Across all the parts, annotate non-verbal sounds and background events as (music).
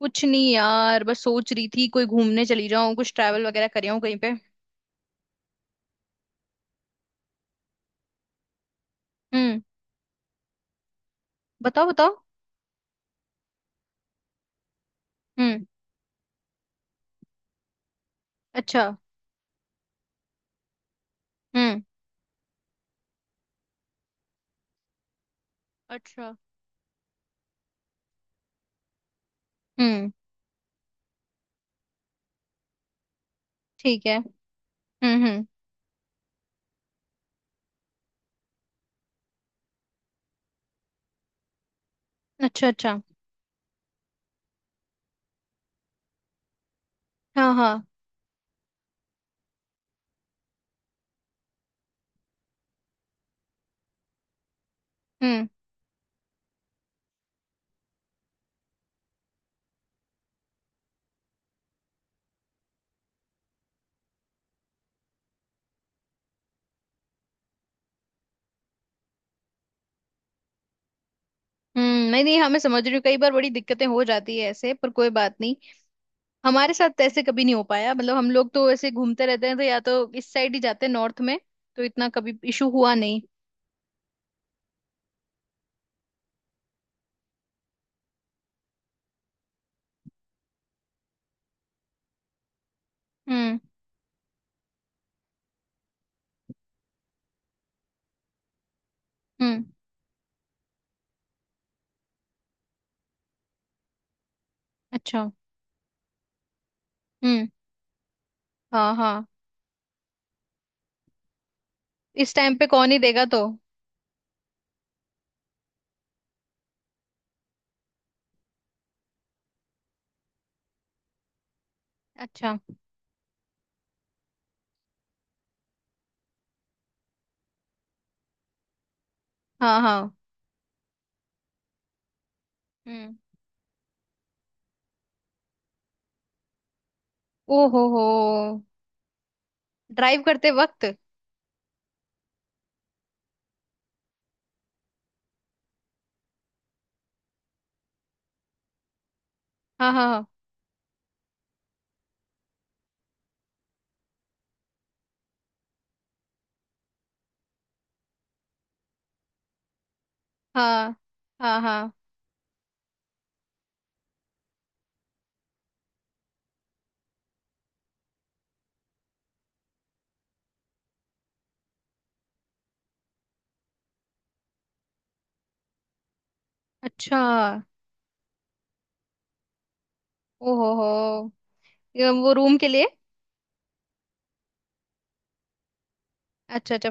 कुछ नहीं यार, बस सोच रही थी कोई घूमने चली जाऊं, कुछ ट्रैवल वगैरह कर आऊं कहीं पे। हम्म। बताओ, बताओ। हम्म। अच्छा। हम्म। अच्छा। हम्म। ठीक है। हम्म, हम्म। अच्छा, अच्छा। हाँ, हाँ। हम्म, हम्म। नहीं, नहीं, हमें समझ रही हूँ, कई बार बड़ी दिक्कतें हो जाती है ऐसे, पर कोई बात नहीं। हमारे साथ तो ऐसे कभी नहीं हो पाया, मतलब हम लोग तो ऐसे घूमते रहते हैं तो या तो इस साइड ही जाते हैं, नॉर्थ में। तो इतना कभी इशू हुआ नहीं। हम्म, हम्म। अच्छा। हम्म। हाँ, हाँ। इस टाइम पे कौन ही देगा तो। अच्छा। हाँ, हाँ। हम्म। ओ हो हो। ड्राइव करते वक्त। हाँ, हाँ, हाँ। हाँ, हाँ। अच्छा। ओ हो हो। ये वो रूम के लिए। अच्छा, अच्छा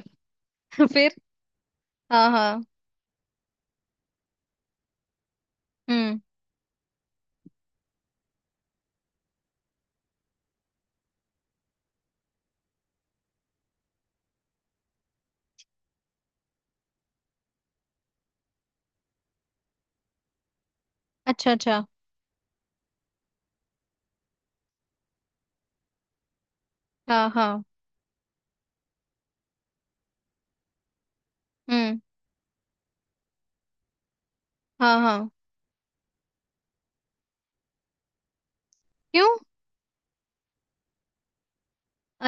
(laughs) फिर। हाँ, हाँ। हम्म। अच्छा, अच्छा। हाँ, हाँ। हम्म। हाँ, हाँ। क्यों।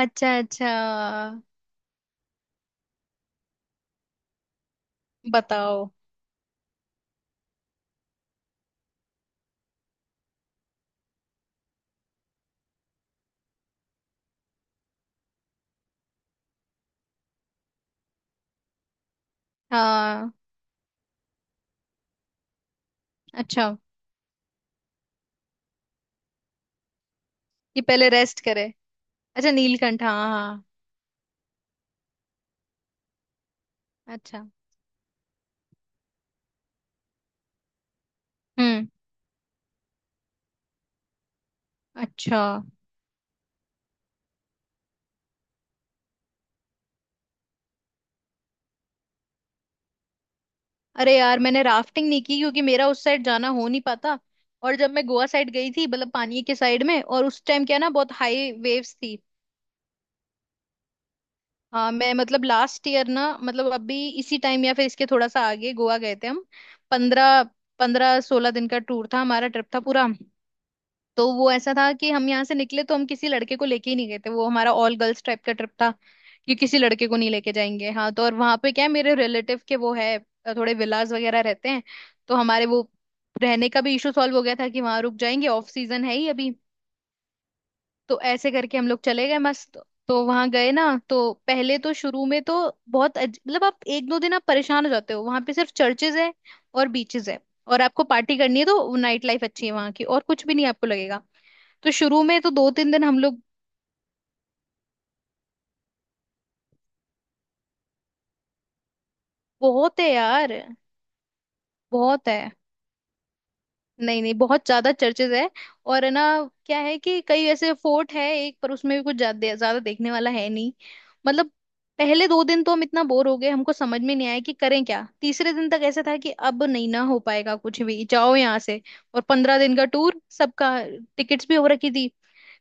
अच्छा, अच्छा। बताओ। हाँ। अच्छा। कि पहले रेस्ट करे। अच्छा, नीलकंठ, हाँ, हाँ। अच्छा। हम्म। अच्छा। अरे यार, मैंने राफ्टिंग नहीं की क्योंकि मेरा उस साइड जाना हो नहीं पाता। और जब मैं गोवा साइड गई थी, मतलब पानी के साइड में, और उस टाइम क्या ना बहुत हाई वेव्स थी। हाँ, मैं मतलब लास्ट ईयर ना, मतलब अभी इसी टाइम या फिर इसके थोड़ा सा आगे गोवा गए थे हम। पंद्रह पंद्रह सोलह दिन का टूर था हमारा, ट्रिप था पूरा। तो वो ऐसा था कि हम यहाँ से निकले तो हम किसी लड़के को लेके ही नहीं गए थे, वो हमारा ऑल गर्ल्स टाइप का ट्रिप था कि किसी लड़के को नहीं लेके जाएंगे। हाँ तो, और वहां पे क्या है, मेरे रिलेटिव के वो है, थोड़े विलाज वगैरह रहते हैं। तो हमारे वो रहने का भी इशू सॉल्व हो गया था कि वहां रुक जाएंगे, ऑफ सीजन है ही अभी। तो ऐसे करके हम लोग चले गए मस्त। तो वहां गए ना, तो पहले तो शुरू में तो बहुत मतलब आप एक दो दिन आप परेशान हो जाते हो, वहां पे सिर्फ चर्चेज है और बीचेस है। और आपको पार्टी करनी है तो नाइट लाइफ अच्छी है वहां की, और कुछ भी नहीं आपको लगेगा। तो शुरू में तो दो तीन दिन हम लोग। बहुत है यार, बहुत है। नहीं, नहीं, बहुत ज्यादा चर्चेज है। और है ना, क्या है कि कई ऐसे फोर्ट है एक, पर उसमें भी कुछ ज्यादा ज्यादा देखने वाला है नहीं, मतलब। पहले दो दिन तो हम इतना बोर हो गए, हमको समझ में नहीं आया कि करें क्या। तीसरे दिन तक ऐसा था कि अब नहीं ना हो पाएगा कुछ भी, जाओ यहाँ से। और 15 दिन का टूर सबका, टिकट्स भी हो रखी थी।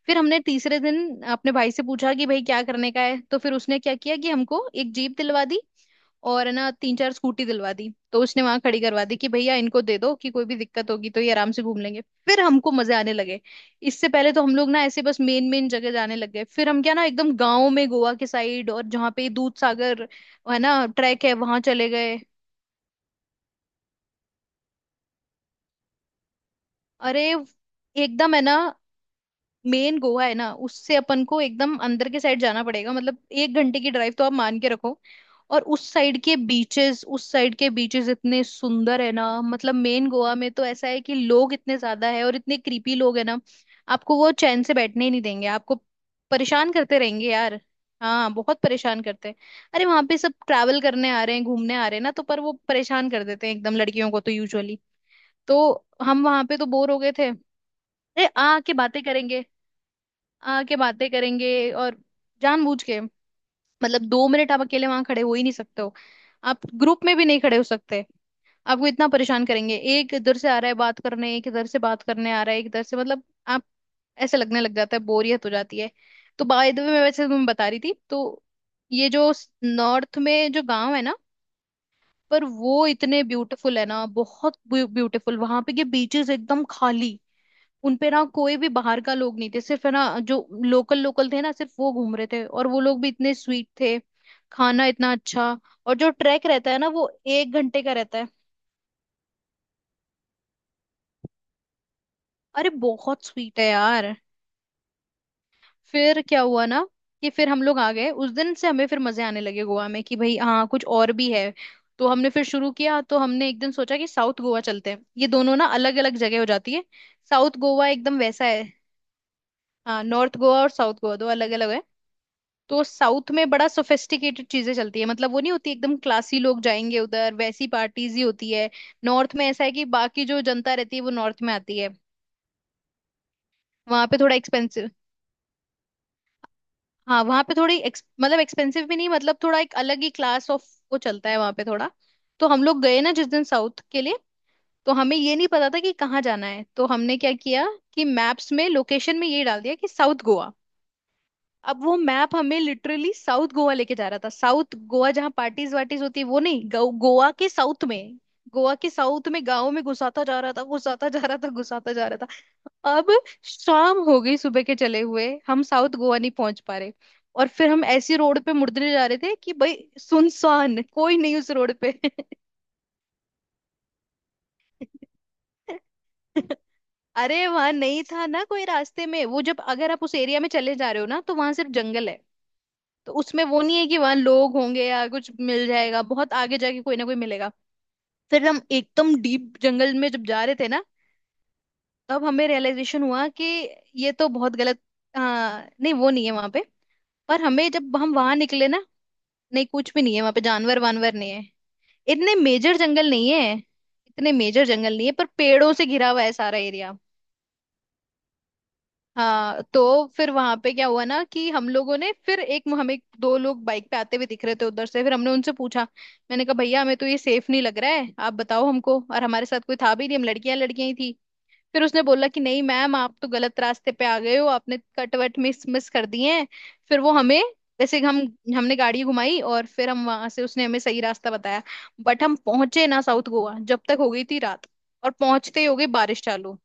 फिर हमने तीसरे दिन अपने भाई से पूछा कि भाई क्या करने का है, तो फिर उसने क्या किया कि हमको एक जीप दिलवा दी, और है ना, तीन चार स्कूटी दिलवा दी। तो उसने वहां खड़ी करवा दी कि भैया इनको दे दो, कि कोई भी दिक्कत होगी तो ये आराम से घूम लेंगे। फिर हमको मजे आने लगे। इससे पहले तो हम लोग ना ऐसे बस मेन मेन जगह जाने लग गए, फिर हम क्या ना एकदम गाँव में, गोवा के साइड, और जहाँ पे दूध सागर है ना, ट्रैक है, वहां चले गए। अरे, एकदम है ना, मेन गोवा है ना, उससे अपन को एकदम अंदर के साइड जाना पड़ेगा, मतलब एक घंटे की ड्राइव तो आप मान के रखो। और उस साइड के बीचेस, उस साइड के बीचेस इतने सुंदर है ना, मतलब मेन गोवा में तो ऐसा है कि लोग इतने ज्यादा है, और इतने क्रीपी लोग है ना, आपको वो चैन से बैठने ही नहीं देंगे आपको, परेशान करते रहेंगे यार। हाँ बहुत परेशान करते हैं। अरे वहां पे सब ट्रैवल करने आ रहे हैं, घूमने आ रहे हैं ना, तो पर वो परेशान कर देते हैं एकदम, लड़कियों को तो यूजुअली। तो हम वहां पे तो बोर हो गए थे। अरे आ के बातें करेंगे, आके बातें करेंगे, और जानबूझ के। मतलब 2 मिनट आप अकेले वहां खड़े हो ही नहीं सकते हो, आप ग्रुप में भी नहीं खड़े हो सकते। आपको इतना परेशान करेंगे, एक इधर से आ रहा है बात करने, एक इधर से बात करने आ रहा है, एक इधर से, मतलब आप, ऐसे लगने लग जाता है, बोरियत हो जाती है। तो बाय द वे, मैं वैसे तुम्हें बता रही थी तो, ये जो नॉर्थ में जो गांव है ना, पर वो इतने ब्यूटीफुल है ना, बहुत ब्यूटीफुल वहां पे के बीचेस एकदम खाली। उनपे ना कोई भी बाहर का लोग नहीं थे, सिर्फ है ना जो लोकल लोकल थे ना, सिर्फ वो घूम रहे थे, और वो लोग भी इतने स्वीट थे, खाना इतना अच्छा। और जो ट्रैक रहता है ना, वो एक घंटे का रहता है। अरे बहुत स्वीट है यार। फिर क्या हुआ ना, कि फिर हम लोग आ गए उस दिन से, हमें फिर मजे आने लगे गोवा में कि भाई हाँ कुछ और भी है। तो हमने फिर शुरू किया। तो हमने एक दिन सोचा कि साउथ गोवा चलते हैं, ये दोनों ना अलग अलग जगह हो जाती है। साउथ गोवा एकदम वैसा है, हाँ, नॉर्थ गोवा और साउथ गोवा दो अलग अलग है। तो साउथ में बड़ा सोफिस्टिकेटेड चीजें चलती है, मतलब वो नहीं होती, एकदम क्लासी लोग जाएंगे उधर, वैसी पार्टीज ही होती है। नॉर्थ में ऐसा है कि बाकी जो जनता रहती है, वो नॉर्थ में आती है। वहां पे थोड़ा एक्सपेंसिव, हाँ वहां पे थोड़ी मतलब एक्सपेंसिव भी नहीं, मतलब थोड़ा एक अलग ही क्लास ऑफ वो चलता है वहां पे थोड़ा। तो हम लोग गए ना जिस दिन साउथ के लिए, तो हमें ये नहीं पता था कि कहाँ जाना है, तो हमने क्या किया कि मैप्स में लोकेशन में ये डाल दिया कि साउथ गोवा। अब वो मैप हमें लिटरली साउथ गोवा लेके जा रहा था, साउथ गोवा जहाँ पार्टीज वार्टीज होती है वो नहीं, गोवा के साउथ में। गोवा के साउथ में गांव में घुसाता जा रहा था, घुसाता जा रहा था, घुसाता जा रहा था। अब शाम हो गई, सुबह के चले हुए हम साउथ गोवा नहीं पहुंच पा रहे। और फिर हम ऐसी रोड पे मुड़ने जा रहे थे कि भाई सुनसान, कोई नहीं उस रोड पे। (laughs) अरे वहां नहीं था ना कोई रास्ते में वो, जब अगर आप उस एरिया में चले जा रहे हो ना तो वहां सिर्फ जंगल है। तो उसमें वो नहीं है कि वहां लोग होंगे या कुछ मिल जाएगा, बहुत आगे जाके कोई ना कोई मिलेगा। फिर हम एकदम डीप जंगल में जब जा रहे थे ना, तब हमें रियलाइजेशन हुआ कि ये तो बहुत गलत। हाँ नहीं, वो नहीं है वहां पे। पर हमें जब हम वहां निकले ना, नहीं कुछ भी नहीं है वहां पे, जानवर वानवर नहीं है। इतने मेजर जंगल नहीं है। इतने मेजर जंगल नहीं है, पर पेड़ों से घिरा हुआ है सारा एरिया। हाँ, तो फिर वहां पे क्या हुआ ना कि हम लोगों ने फिर एक, हमें दो लोग बाइक पे आते हुए दिख रहे थे उधर से, फिर हमने उनसे पूछा। मैंने कहा भैया हमें तो ये सेफ नहीं लग रहा है, आप बताओ हमको, और हमारे साथ कोई था भी नहीं, हम लड़कियां लड़कियां ही थी। फिर उसने बोला कि नहीं मैम आप तो गलत रास्ते पे आ गए हो, आपने कट वट मिस मिस कर दिए हैं। फिर वो हमें, जैसे हम, हमने गाड़ी घुमाई और फिर हम वहां से, उसने हमें सही रास्ता बताया। बट हम पहुंचे ना साउथ गोवा, जब तक हो गई थी रात। और पहुंचते ही हो गई बारिश चालू।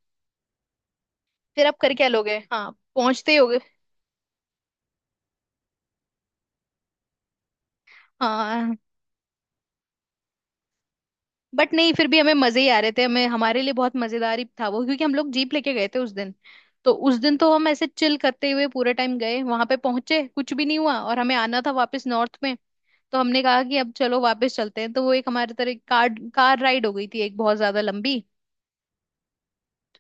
फिर आप कर क्या लोगे, हाँ पहुंचते ही हो गए, हाँ। बट नहीं, फिर भी हमें मजे ही आ रहे थे, हमें, हमारे लिए बहुत मजेदार ही था वो क्योंकि हम लोग जीप लेके गए थे उस दिन। तो उस दिन तो हम ऐसे चिल करते हुए पूरे टाइम गए, वहां पे पहुंचे, कुछ भी नहीं हुआ, और हमें आना था वापस नॉर्थ में। तो हमने कहा कि अब चलो वापस चलते हैं। तो वो एक हमारे तरह कार, कार राइड हो गई थी एक बहुत ज्यादा लंबी।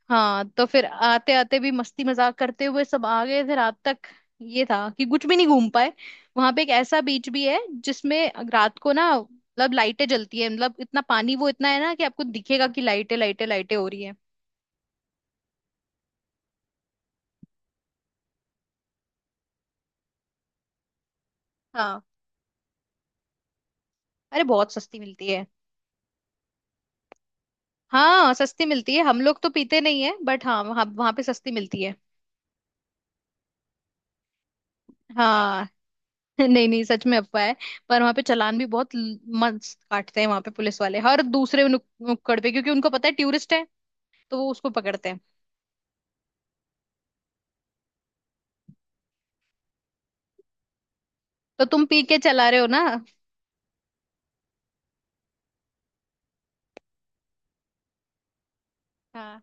हाँ तो फिर आते आते भी मस्ती मजाक करते हुए सब आ गए थे रात तक। ये था कि कुछ भी नहीं घूम पाए। वहां पे एक ऐसा बीच भी है जिसमें रात को ना, मतलब लाइटें जलती है, मतलब इतना पानी वो इतना है ना कि आपको दिखेगा कि लाइटें लाइटें लाइटें हो रही है। हाँ। अरे बहुत सस्ती मिलती है। हाँ सस्ती मिलती है, हम लोग तो पीते नहीं है, बट हाँ वहाँ वहाँ पे सस्ती मिलती है। हाँ (laughs) नहीं, नहीं, सच में अफवाह है। पर वहाँ पे चालान भी बहुत मस्त काटते हैं वहाँ पे पुलिस वाले, हर दूसरे नुक्कड़ पे, क्योंकि उनको पता है टूरिस्ट है, तो वो उसको पकड़ते हैं। तो तुम पी के चला रहे हो ना। हाँ।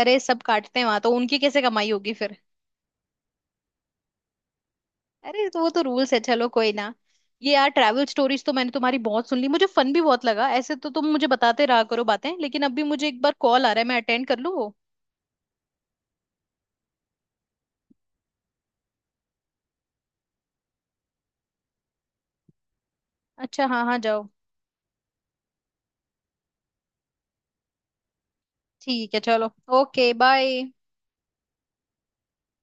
अरे सब काटते हैं वहां, तो उनकी कैसे कमाई होगी फिर। अरे तो वो तो रूल्स है, चलो कोई ना। ये यार ट्रैवल स्टोरीज तो मैंने तुम्हारी बहुत सुन ली, मुझे फन भी बहुत लगा, ऐसे तो तुम मुझे बताते रहा करो बातें, लेकिन अभी मुझे एक बार कॉल आ रहा है, मैं अटेंड कर लूँ वो। अच्छा, हाँ हाँ, जाओ। ठीक है चलो। Okay bye.